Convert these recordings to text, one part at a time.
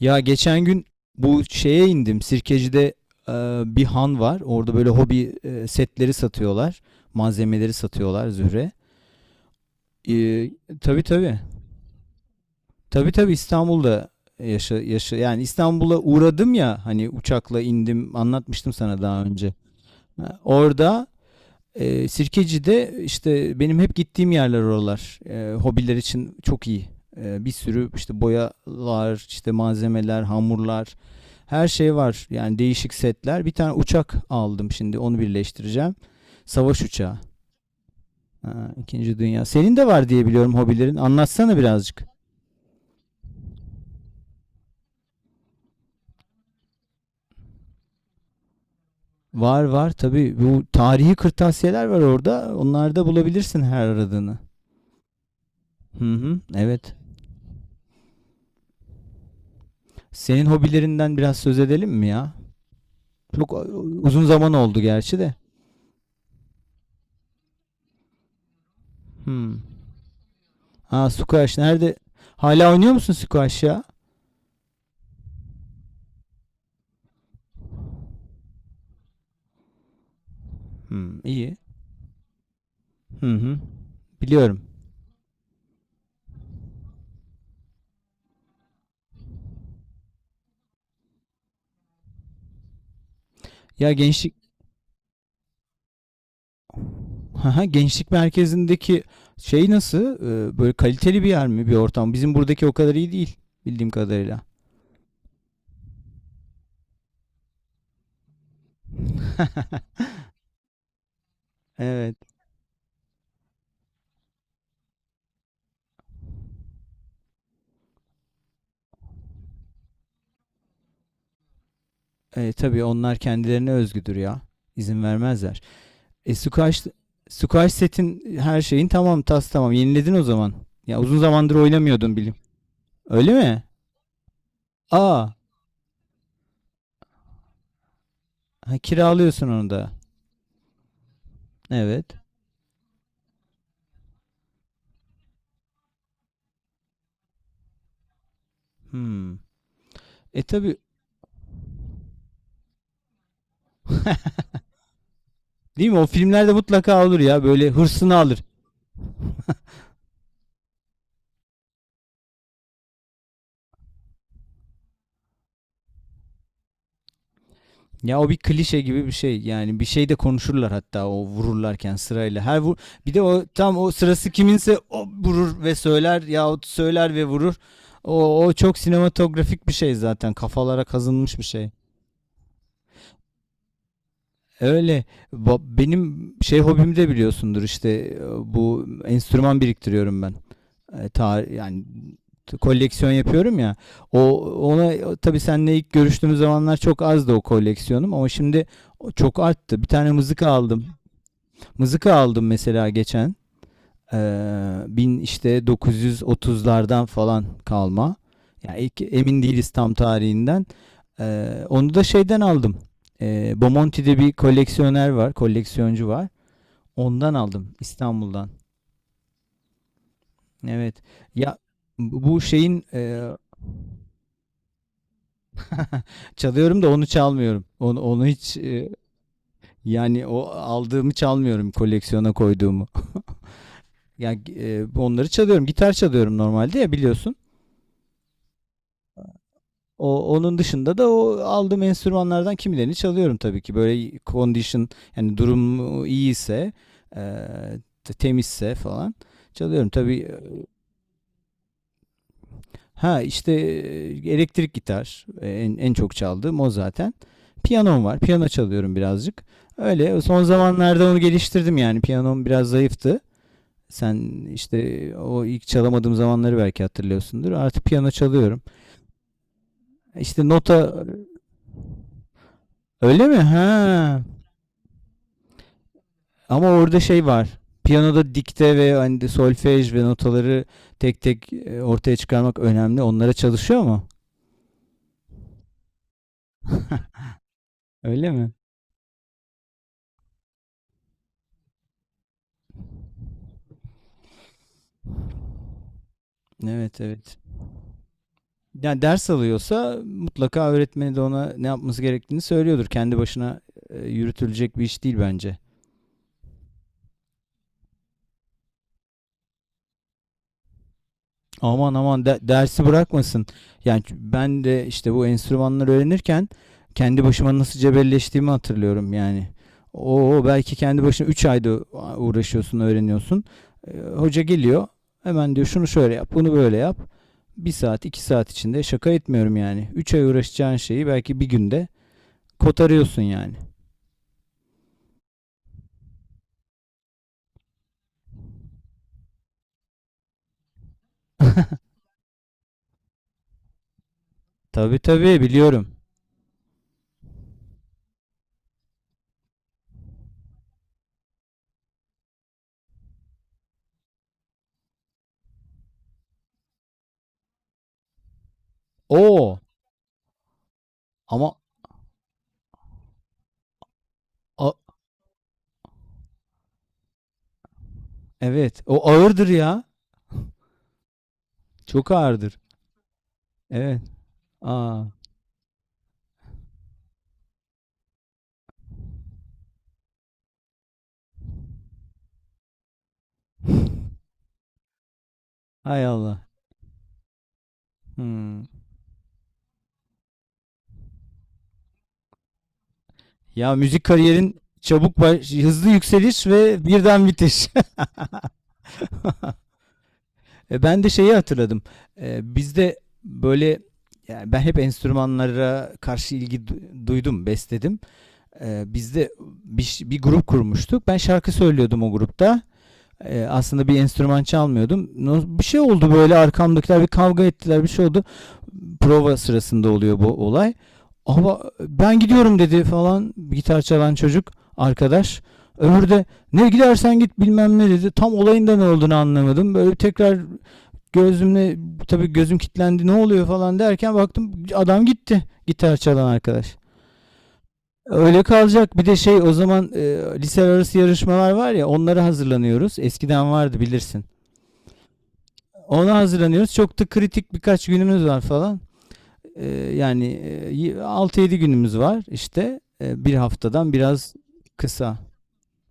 Ya geçen gün bu şeye indim. Sirkeci'de e, bir han var. Orada böyle hobi setleri satıyorlar. Malzemeleri satıyorlar Zühre. E, tabii tabii. Tabii tabii İstanbul'da yaşa yani İstanbul'a uğradım ya hani uçakla indim, anlatmıştım sana daha önce. Ha, orada Sirkeci'de işte benim hep gittiğim yerler oralar. Hobiler için çok iyi. Bir sürü işte boyalar, işte malzemeler, hamurlar, her şey var. Yani değişik setler. Bir tane uçak aldım, şimdi onu birleştireceğim. Savaş uçağı. Ha, İkinci Dünya. Senin de var diye biliyorum hobilerin. Anlatsana birazcık. Var var tabii. Bu tarihi kırtasiyeler var orada. Onlarda bulabilirsin her aradığını. Hı hı, evet. Senin hobilerinden biraz söz edelim mi ya? Çok uzun zaman oldu gerçi de. Hmm. Aa, squash nerede? Hala oynuyor musun squash ya? Hmm, iyi. Hı hı. Biliyorum. Ya gençlik. Haha, gençlik merkezindeki şey nasıl? Böyle kaliteli bir yer mi, bir ortam? Bizim buradaki o kadar iyi değil bildiğim kadarıyla. Evet. E, tabii onlar kendilerine özgüdür ya. İzin vermezler. E squash setin her şeyin tamam, tas tamam. Yeniledin o zaman. Ya uzun zamandır oynamıyordun bilim. Öyle mi? Aa, ha, kiralıyorsun onu da. Evet. Hmm. E tabii, değil mi? O filmlerde mutlaka olur ya böyle, hırsını alır. Ya o bir klişe gibi bir şey. Yani bir şey de konuşurlar hatta o vururlarken sırayla. Her vur, bir de o tam o sırası kiminse o vurur ve söyler yahut söyler ve vurur. O çok sinematografik bir şey zaten. Kafalara kazınmış bir şey. Öyle. Benim şey hobim de biliyorsundur işte, bu enstrüman biriktiriyorum ben. Yani koleksiyon yapıyorum ya. O, ona tabii seninle ilk görüştüğümüz zamanlar çok azdı o koleksiyonum ama şimdi çok arttı. Bir tane mızıka aldım. Mızıka aldım mesela geçen. Ee, işte 930'lardan falan kalma. Yani ilk, emin değiliz tam tarihinden. Onu da şeyden aldım. Bomonti'de bir koleksiyoner var, koleksiyoncu var. Ondan aldım, İstanbul'dan. Evet. Ya bu şeyin e, Çalıyorum da onu çalmıyorum. Onu hiç, yani o aldığımı çalmıyorum, koleksiyona koyduğumu. Yani onları çalıyorum. Gitar çalıyorum normalde ya, biliyorsun. Onun dışında da o aldığım enstrümanlardan kimilerini çalıyorum tabii ki. Böyle condition, yani durum iyiyse, e, temizse falan çalıyorum. Tabii. Ha işte, elektrik gitar, en çok çaldığım o zaten. Piyanom var. Piyano çalıyorum birazcık. Öyle son zamanlarda onu geliştirdim yani. Piyanom biraz zayıftı. Sen işte o ilk çalamadığım zamanları belki hatırlıyorsundur. Artık piyano çalıyorum. İşte nota. Öyle mi? Ha. Ama orada şey var. Piyanoda dikte ve hani de solfej ve notaları tek tek, ortaya çıkarmak önemli. Onlara çalışıyor mu? Öyle mi? Evet evet. Yani ders alıyorsa mutlaka öğretmeni de ona ne yapması gerektiğini söylüyordur. Kendi başına yürütülecek bir iş değil bence. Aman aman dersi bırakmasın. Yani ben de işte bu enstrümanları öğrenirken kendi başıma nasıl cebelleştiğimi hatırlıyorum yani. O belki kendi başına 3 ayda uğraşıyorsun, öğreniyorsun. E, hoca geliyor. Hemen diyor şunu şöyle yap, bunu böyle yap. Bir saat, iki saat içinde, şaka etmiyorum yani, üç ay uğraşacağın şeyi belki bir günde kotarıyorsun yani. Tabii tabii biliyorum. Oo, ama a- evet o ağırdır ya. Çok ağırdır. Evet. Aa. Hay Allah. Hmm. Ya müzik kariyerin çabuk hızlı yükseliş ve birden bitiş. E, ben de şeyi hatırladım. E, bizde böyle, yani ben hep enstrümanlara karşı ilgi duydum, besledim. E, bizde bir grup kurmuştuk. Ben şarkı söylüyordum o grupta. Aslında bir enstrüman çalmıyordum. Bir şey oldu, böyle arkamdakiler bir kavga ettiler, bir şey oldu. Prova sırasında oluyor bu olay. Ama ben gidiyorum dedi falan, gitar çalan çocuk arkadaş. Öbürü de ne gidersen git bilmem ne dedi. Tam olayın da ne olduğunu anlamadım. Böyle tekrar gözümle, tabii gözüm kilitlendi, ne oluyor falan derken baktım adam gitti, gitar çalan arkadaş. Öyle kalacak. Bir de şey o zaman, lise arası yarışmalar var ya, onlara hazırlanıyoruz. Eskiden vardı, bilirsin. Ona hazırlanıyoruz. Çok da kritik birkaç günümüz var falan. Yedi günümüz var işte. Bir haftadan biraz kısa.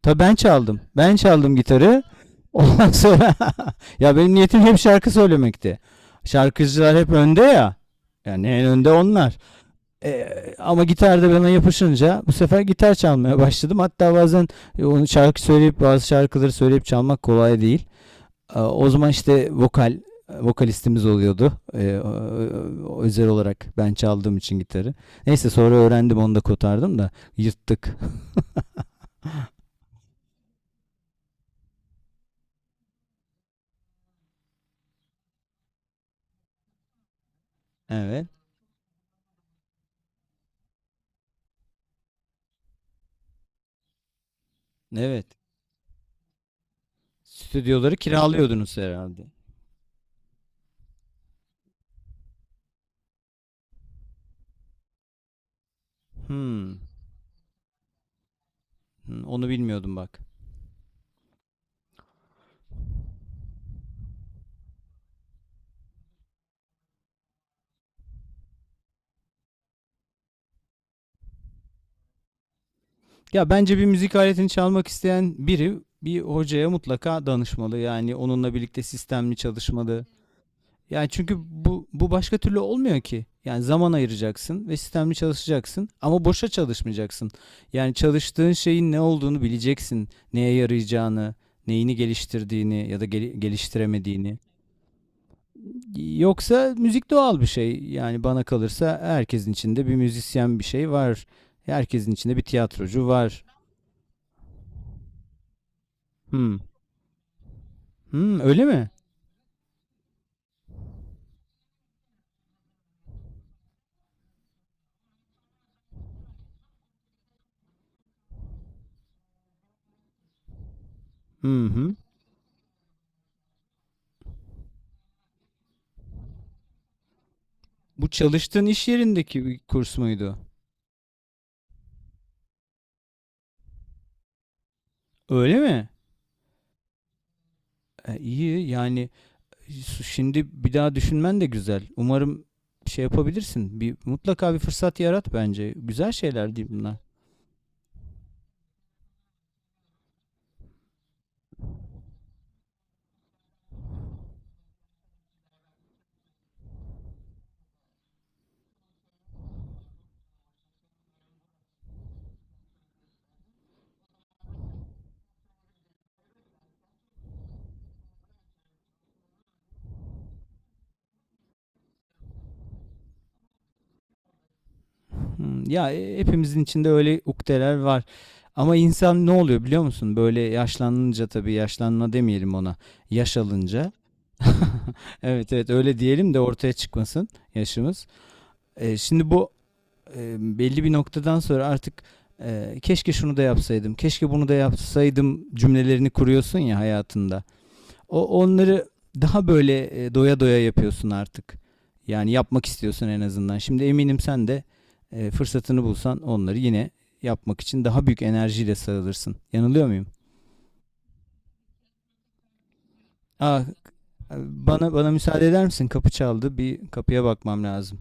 Tabii ben çaldım. Ben çaldım gitarı. Ondan sonra ya benim niyetim hep şarkı söylemekti. Şarkıcılar hep önde ya. Yani en önde onlar. Ee, Ama gitarda bana yapışınca bu sefer gitar çalmaya başladım. Hatta bazen onu şarkı söyleyip, bazı şarkıları söyleyip çalmak kolay değil. O zaman işte vokalistimiz oluyordu. Özel olarak ben çaldığım için gitarı. Neyse sonra öğrendim, onu da kotardım da yırttık. Evet. Evet. Stüdyoları kiralıyordunuz herhalde. Hmm. Hmm, onu bilmiyordum bak. Ya bence bir müzik aletini çalmak isteyen biri bir hocaya mutlaka danışmalı. Yani onunla birlikte sistemli çalışmalı. Yani çünkü bu başka türlü olmuyor ki. Yani zaman ayıracaksın ve sistemli çalışacaksın, ama boşa çalışmayacaksın. Yani çalıştığın şeyin ne olduğunu bileceksin. Neye yarayacağını, neyini geliştirdiğini ya da geliştiremediğini. Yoksa müzik doğal bir şey. Yani bana kalırsa herkesin içinde bir müzisyen bir şey var. Herkesin içinde bir tiyatrocu var. Hmm. Hmm, öyle mi? Hı hı. Bu çalıştığın iş yerindeki bir kurs muydu? Öyle mi? E, iyi yani, şimdi bir daha düşünmen de güzel. Umarım şey yapabilirsin. Bir, mutlaka bir fırsat yarat bence. Güzel şeyler değil bunlar. Hmm, ya hepimizin içinde öyle ukdeler var. Ama insan ne oluyor biliyor musun? Böyle yaşlanınca, tabii yaşlanma demeyelim ona. Yaş alınca. Evet evet öyle diyelim de ortaya çıkmasın yaşımız. Şimdi bu, belli bir noktadan sonra artık, keşke şunu da yapsaydım, keşke bunu da yapsaydım cümlelerini kuruyorsun ya hayatında. O onları daha böyle, doya doya yapıyorsun artık. Yani yapmak istiyorsun en azından. Şimdi eminim sen de, fırsatını bulsan onları yine yapmak için daha büyük enerjiyle sarılırsın. Yanılıyor muyum? Ah, bana müsaade eder misin? Kapı çaldı. Bir kapıya bakmam lazım.